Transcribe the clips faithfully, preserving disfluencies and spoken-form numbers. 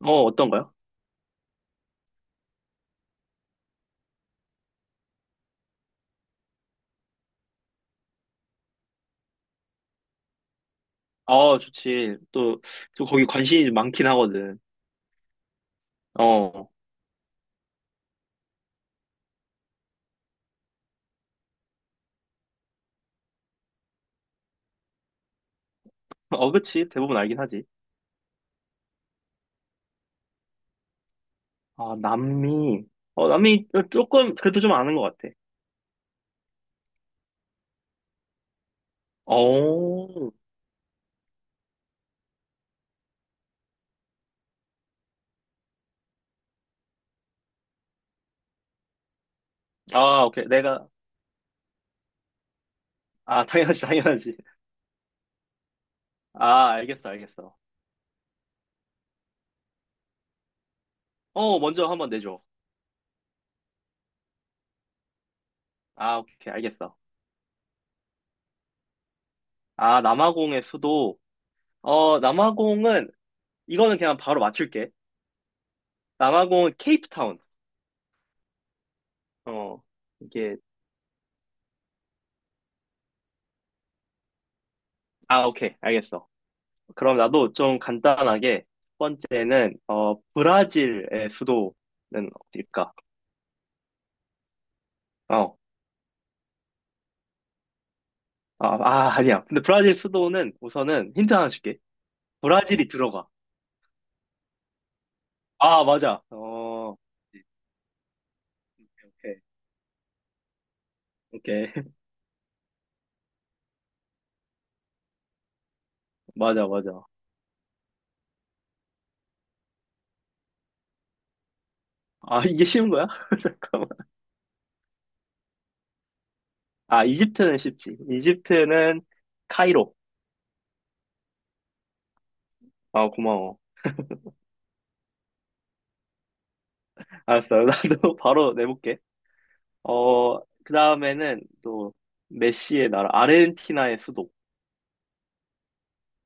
어, 어떤가요? 아, 좋지. 또, 또 거기 관심이 좀 많긴 하거든. 어, 어, 그치. 대부분 알긴 하지. 아, 남미. 어, 남미 조금, 그래도 좀 아는 것 같아. 어, 아, 오케이. 내가, 아, 당연하지, 당연하지. 아, 알겠어, 알겠어. 어, 먼저 한번 내줘. 아, 오케이, 알겠어. 아, 남아공의 수도. 어, 남아공은, 이거는 그냥 바로 맞출게. 남아공은 케이프타운. 어, 이게, 아, 오케이, 알겠어. 그럼 나도 좀 간단하게 첫 번째는 어 브라질의 수도는 어딜까? 어. 아, 아, 아니야. 근데 브라질 수도는 우선은 힌트 하나 줄게. 브라질이 들어가. 아, 맞아. 어. 오케이. 오케이. 맞아, 맞아. 아, 이게 쉬운 거야? 잠깐만. 아, 이집트는 쉽지. 이집트는 카이로. 아, 고마워. 알았어. 나도 바로 내볼게. 어, 그 다음에는 또 메시의 나라 아르헨티나의 수도.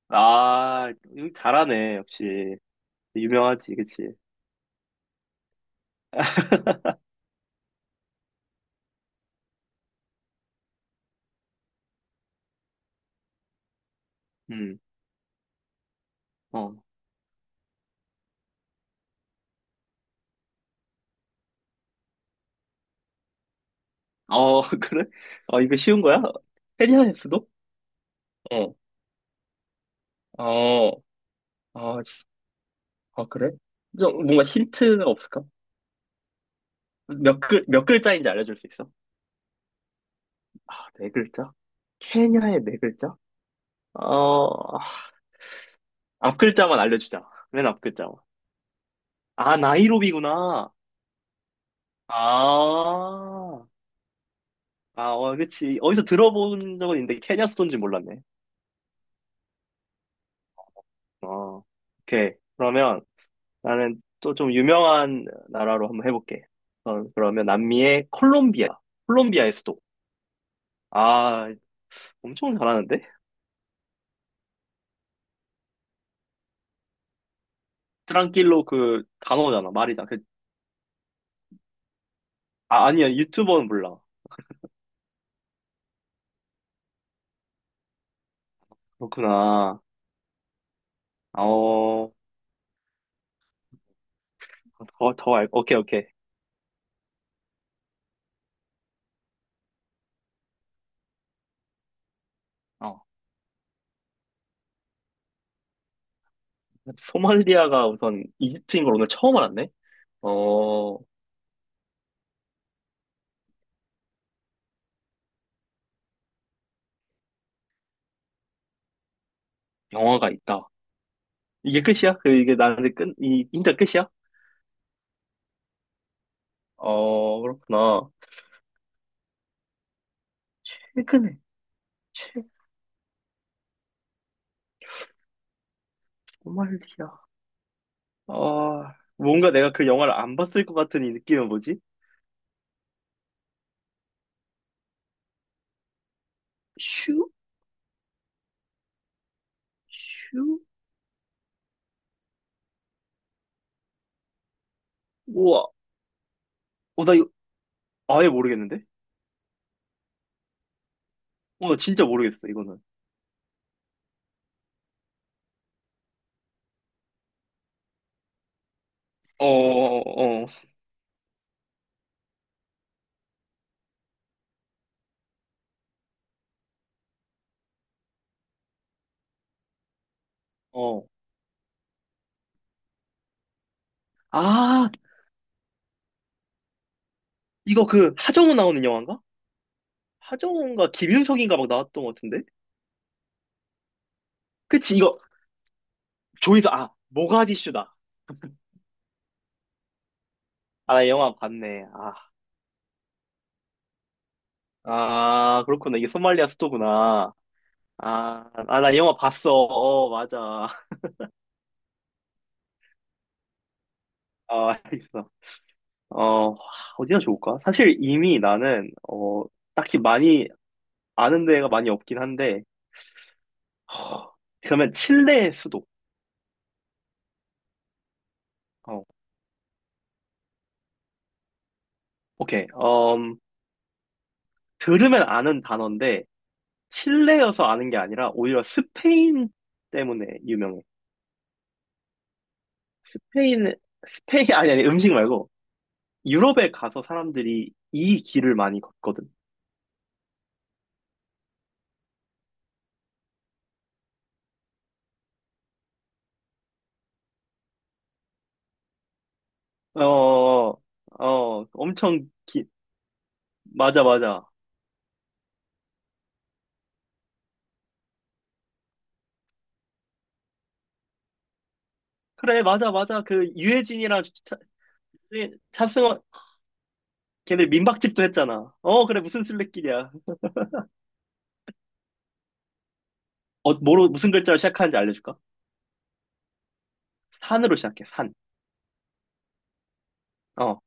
아, 이거 잘하네, 역시. 유명하지, 그치? 음, 어. 어, 그래? 어, 이거 쉬운 거야? 페리하의 수도? 어, 어, 아, 진- 아, 그래? 좀 뭔가 힌트가 없을까? 몇 글, 몇 글자인지 알려줄 수 있어? 아, 네 글자? 케냐의 네 글자? 어, 앞 글자만 알려주자. 맨 앞 글자만. 아, 나이로비구나. 아, 아, 어, 그치. 어디서 들어본 적은 있는데, 케냐 수도인지 몰랐네. 어, 오케이. 그러면, 나는 또 좀 유명한 나라로 한번 해볼게. 어, 그러면 남미의 콜롬비아. 콜롬비아의 수도. 아, 엄청 잘하는데? 트랑킬로 그 단어잖아, 말이잖아. 그, 아, 아니야, 유튜버는 몰라. 그렇구나. 어, 더, 더 알, 오케이, 오케이. 어. 소말리아가 우선 이집트인 걸 오늘 처음 알았네? 어, 영화가 있다. 이게 끝이야? 그, 이게 나한테 끝, 이, 인터 끝이야? 어, 그렇구나. 최근에, 최, 소말리아. 어, 뭔가 내가 그 영화를 안 봤을 것 같은 이 느낌은 뭐지? 슈? 슈? 우와. 어, 나 이거 아예 모르겠는데? 어, 나 진짜 모르겠어, 이거는. 어, 어, 어. 어. 아, 이거 그 하정우 나오는 영화인가? 하정우인가 김윤석인가 막 나왔던 것 같은데? 그치, 이거 조이서, 아, 모가디슈다. 아, 나 영화 봤네. 아, 아, 그렇구나. 이게 소말리아 수도구나. 아, 아, 나 영화 봤어. 어, 맞아. 아, 알겠어. 어, 어디가 좋을까? 사실 이미 나는, 어, 딱히 많이 아는 데가 많이 없긴 한데, 허, 그러면 칠레의 수도. 어, 오케이. 음, 들으면 아는 단어인데, 칠레여서 아는 게 아니라, 오히려 스페인 때문에 유명해. 스페인, 스페인, 아니, 아니, 음식 말고, 유럽에 가서 사람들이 이 길을 많이 걷거든. 어, 어, 엄청 기, 맞아, 맞아. 그래, 맞아, 맞아. 그, 유해진이랑 차- 차승원, 걔네 민박집도 했잖아. 어, 그래, 무슨 술래길이야. 어, 뭐로, 무슨 글자로 시작하는지 알려줄까? 산으로 시작해, 산. 어,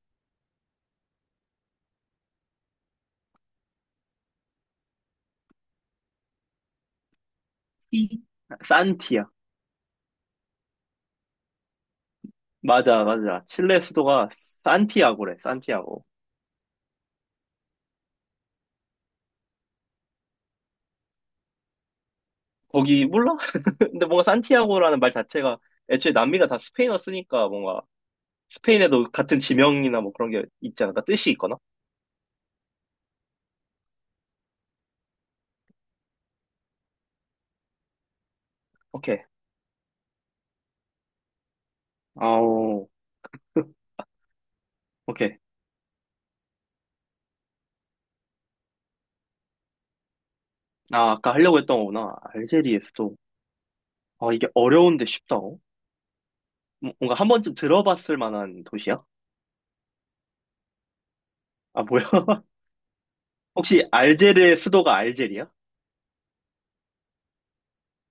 티. 산티야. 맞아, 맞아. 칠레 수도가 산티아고래, 산티아고. 거기, 몰라? 근데 뭔가 산티아고라는 말 자체가 애초에 남미가 다 스페인어 쓰니까 뭔가 스페인에도 같은 지명이나 뭐 그런 게 있지 않을까? 뜻이 있거나? 오케이. 아오. 오케이. 아, 아까 하려고 했던 거구나. 알제리의 수도. 아, 이게 어려운데 쉽다고? 뭔가 한 번쯤 들어봤을 만한 도시야? 아, 뭐야? 혹시 알제르의 수도가 알제리야?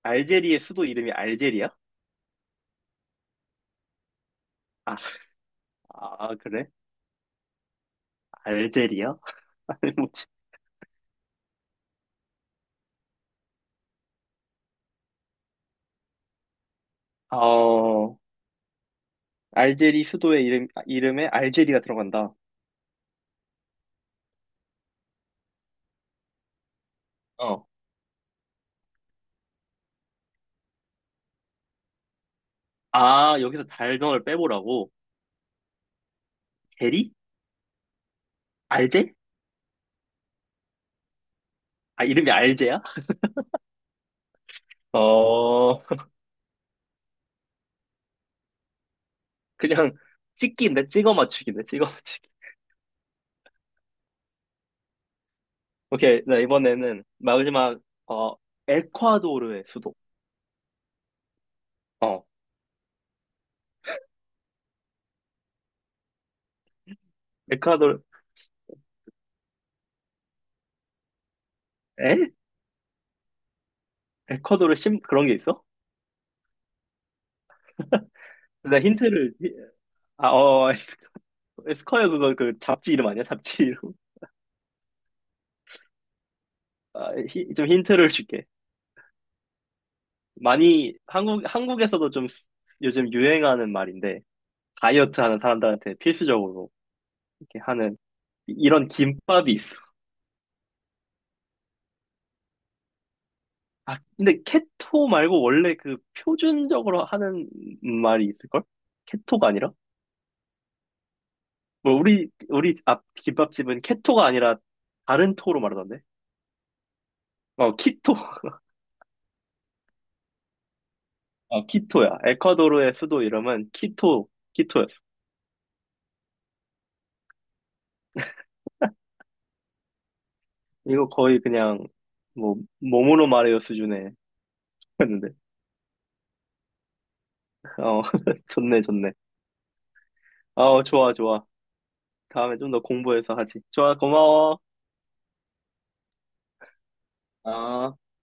알제리의 수도 이름이 알제리야? 아, 아, 그래? 알제리야? 아니, 뭐지? 어, 알제리 수도의 이름, 아, 이름에 알제리가 들어간다. 어. 아, 여기서 달덩어를 빼보라고? 제리? 알제? 아, 이름이 알제야? 어, 그냥 찍기인데? 찍어 맞추기인데? 찍어 맞추기. 오케이, 나 이번에는 마지막, 어, 에콰도르의 수도. 어, 에콰도르, 에? 에콰도르 심, 그런 게 있어? 근데 힌트를 아 어 에스커야 그거 그 잡지 이름 아니야? 잡지 이름. 아, 히- 좀 힌트를 줄게. 많이 한국 한국에서도 좀 쓰- 요즘 유행하는 말인데 다이어트 하는 사람들한테 필수적으로 이렇게 하는 이- 이런 김밥이 있어. 아 근데 케토 말고 원래 그 표준적으로 하는 말이 있을걸? 케토가 아니라? 뭐 우리 우리 앞 김밥집은 케토가 아니라 다른 토로 말하던데? 어 키토 어, 키토야. 에콰도르의 수도 이름은 키토, 키토였어. 이거 거의 그냥, 뭐, 몸으로 말해요 수준에 했는데. 어, 좋네, 좋네. 어, 좋아, 좋아. 다음에 좀 더 공부해서 하지. 좋아, 고마워. 아.